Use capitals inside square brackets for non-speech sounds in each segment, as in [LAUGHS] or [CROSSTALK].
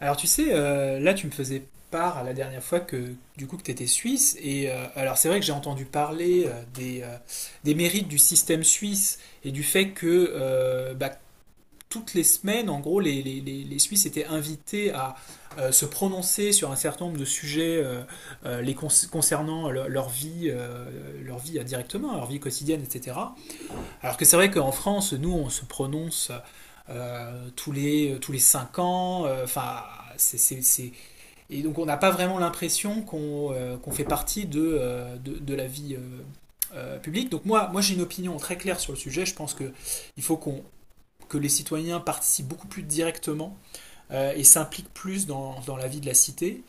Alors tu sais, là tu me faisais part la dernière fois que du coup que tu étais suisse et alors c'est vrai que j'ai entendu parler des mérites du système suisse et du fait que bah, toutes les semaines en gros les Suisses étaient invités à se prononcer sur un certain nombre de sujets les concernant leur vie directement leur vie quotidienne etc alors que c'est vrai qu'en France, nous, on se prononce tous les cinq ans. Enfin, c'est, c'est- c'est- et donc on n'a pas vraiment l'impression qu'on qu'on fait partie de de la vie publique. Donc moi j'ai une opinion très claire sur le sujet. Je pense que il faut qu'on que les citoyens participent beaucoup plus directement et s'impliquent plus dans la vie de la cité.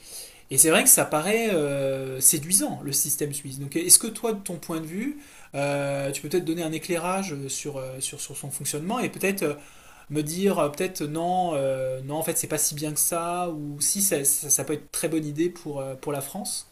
Et c'est vrai que ça paraît séduisant, le système suisse. Donc est-ce que toi, de ton point de vue, tu peux peut-être donner un éclairage sur son fonctionnement et peut-être me dire, peut-être non, non, en fait, c'est pas si bien que ça, ou si ça peut être très bonne idée pour la France?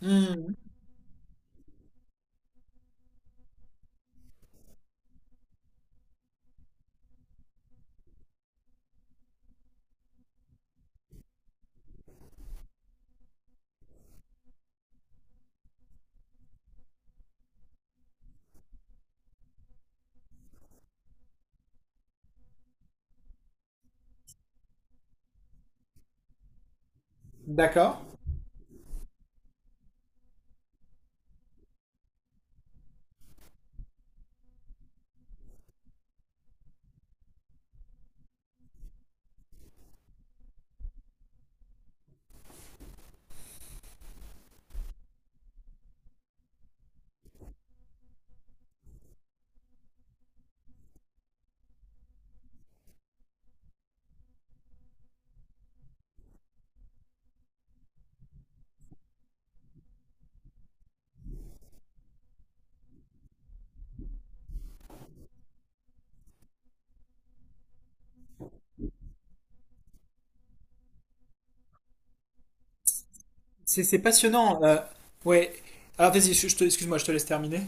Hmm. D'accord. C'est passionnant. Ouais. Alors vas-y, excuse-moi, je te laisse terminer.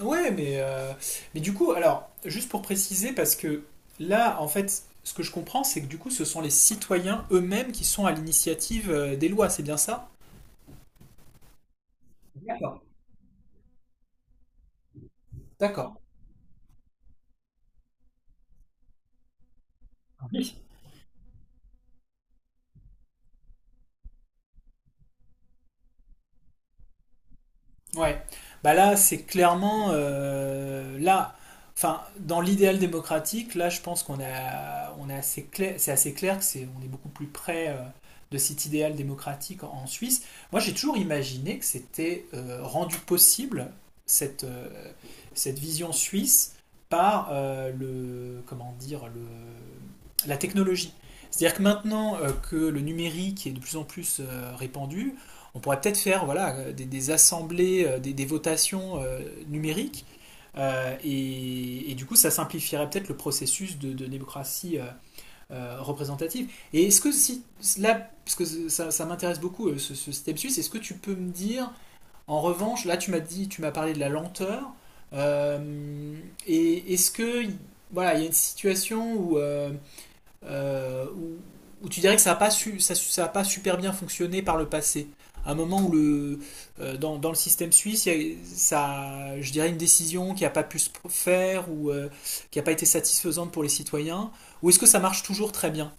Ouais, mais du coup, alors, juste pour préciser, parce que là, en fait, ce que je comprends, c'est que du coup, ce sont les citoyens eux-mêmes qui sont à l'initiative des lois, c'est bien ça? D'accord. D'accord. Oui. Ouais, bah là, c'est clairement là, enfin, dans l'idéal démocratique, là, je pense on est assez clair, c'est assez clair que on est beaucoup plus près de cet idéal démocratique en Suisse. Moi, j'ai toujours imaginé que c'était rendu possible cette euh, cette vision suisse par le, comment dire, le, la technologie. C'est-à-dire que maintenant que le numérique est de plus en plus répandu, on pourrait peut-être faire voilà, des assemblées, des votations numériques, et du coup, ça simplifierait peut-être le processus de démocratie représentative. Et est-ce que si là, parce que ça m'intéresse beaucoup ce système suisse, est-ce que tu peux me dire, en revanche, là tu m'as dit, tu m'as parlé de la lenteur, euh, et est-ce que voilà, il y a une situation où euh, où, où tu dirais que ça n'a pas, su, ça a pas super bien fonctionné par le passé. À un moment où dans le système suisse, il y a, ça, je dirais une décision qui n'a pas pu se faire ou qui n'a pas été satisfaisante pour les citoyens, ou est-ce que ça marche toujours très bien?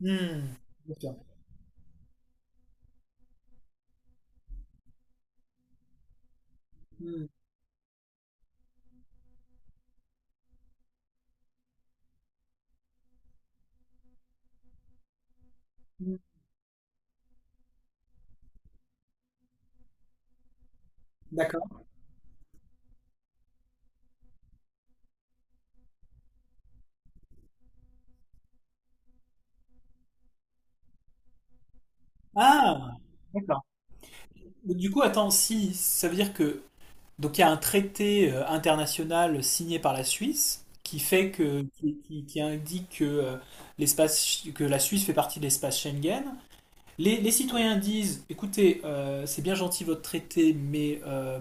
Hmm. D'accord. Hmm. Hmm. D'accord. Ah, d'accord. Donc, du coup, attends, si ça veut dire que donc il y a un traité international signé par la Suisse qui fait que qui indique que l'espace que la Suisse fait partie de l'espace Schengen. Les citoyens disent, écoutez, c'est bien gentil votre traité, mais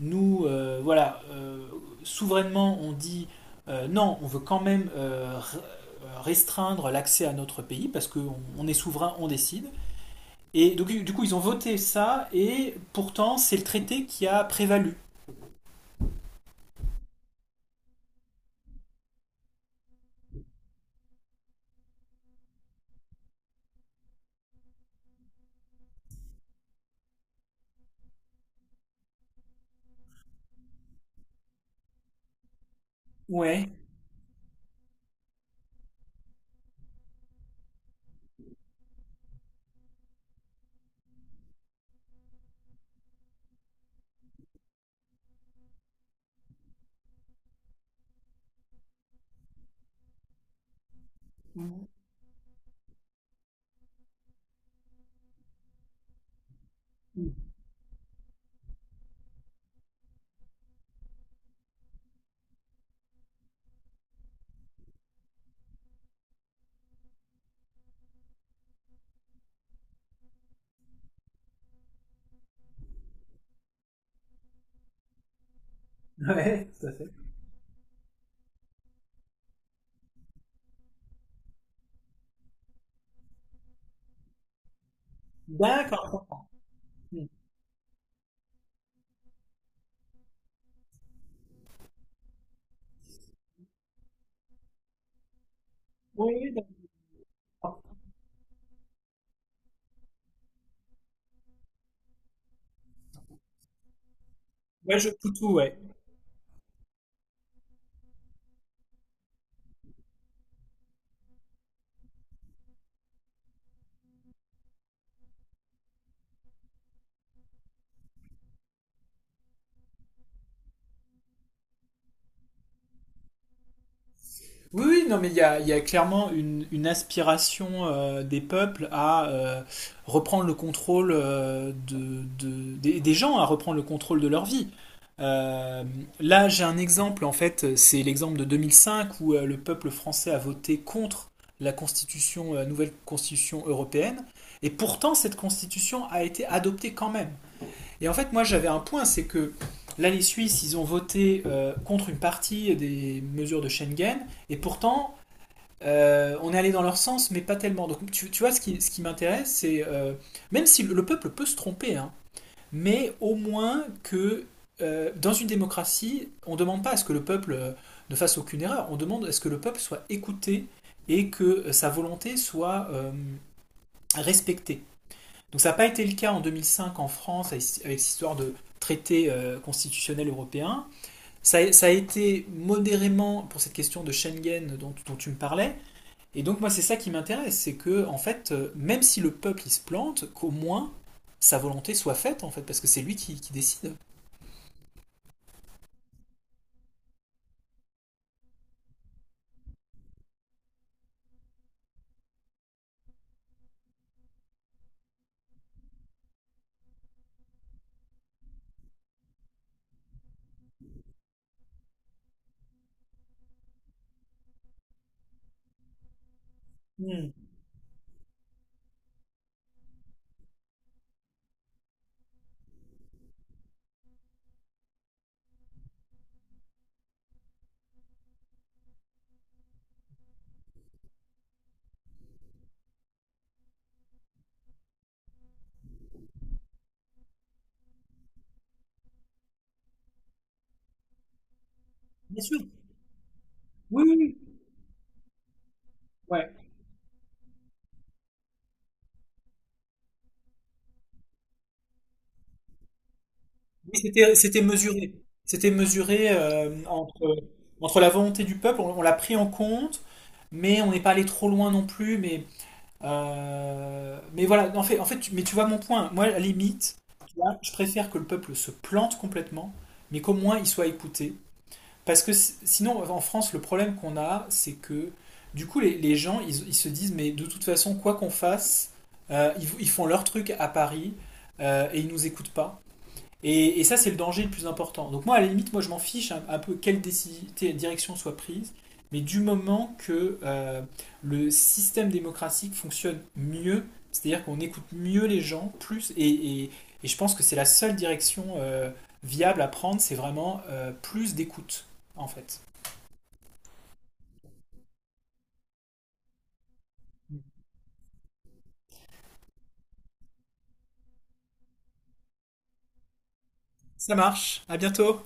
nous, souverainement, on dit non, on veut quand même restreindre l'accès à notre pays parce qu'on on est souverain, on décide. Et donc, du coup, ils ont voté ça, et pourtant, c'est le traité qui a prévalu. Ouais. [LAUGHS] Ouais, tout à fait. D'accord. Hmm. Oui, oui, d'accord. Ouais, je tout, ouais. Oui, oui, non, mais il y a clairement une aspiration des peuples à reprendre le contrôle des gens, à reprendre le contrôle de leur vie. Euh, Là, j'ai un exemple, en fait, c'est l'exemple de 2005 où le peuple français a voté contre la constitution, la nouvelle constitution européenne, et pourtant cette constitution a été adoptée quand même. Et en fait, moi, j'avais un point, c'est que là, les Suisses, ils ont voté contre une partie des mesures de Schengen, et pourtant, on est allé dans leur sens, mais pas tellement. Donc, tu vois, ce qui m'intéresse, c'est même si le peuple peut se tromper, hein, mais au moins que dans une démocratie, on ne demande pas à ce que le peuple ne fasse aucune erreur, on demande à ce que le peuple soit écouté et que sa volonté soit respectée. Donc ça n'a pas été le cas en 2005 en France avec cette histoire de traité constitutionnel européen. Ça a été modérément pour cette question de Schengen dont tu me parlais. Et donc moi c'est ça qui m'intéresse, c'est que en fait même si le peuple il se plante, qu'au moins sa volonté soit faite en fait parce que c'est lui qui décide. Mmh, bien sûr. Oui, oui, oui. Ouais. Oui, c'était, c'était mesuré. C'était mesuré entre la volonté du peuple, on l'a pris en compte, mais on n'est pas allé trop loin non plus. Mais voilà, en fait, mais tu vois mon point. Moi, à la limite, tu vois, je préfère que le peuple se plante complètement, mais qu'au moins il soit écouté. Parce que sinon, en France, le problème qu'on a, c'est que du coup, les gens, ils se disent, mais de toute façon, quoi qu'on fasse, ils font leur truc à Paris et ils nous écoutent pas. Et ça, c'est le danger le plus important. Donc moi, à la limite, moi, je m'en fiche un peu quelle direction soit prise, mais du moment que le système démocratique fonctionne mieux, c'est-à-dire qu'on écoute mieux les gens, plus, et je pense que c'est la seule direction viable à prendre, c'est vraiment plus d'écoute, en fait. Ça marche, à bientôt.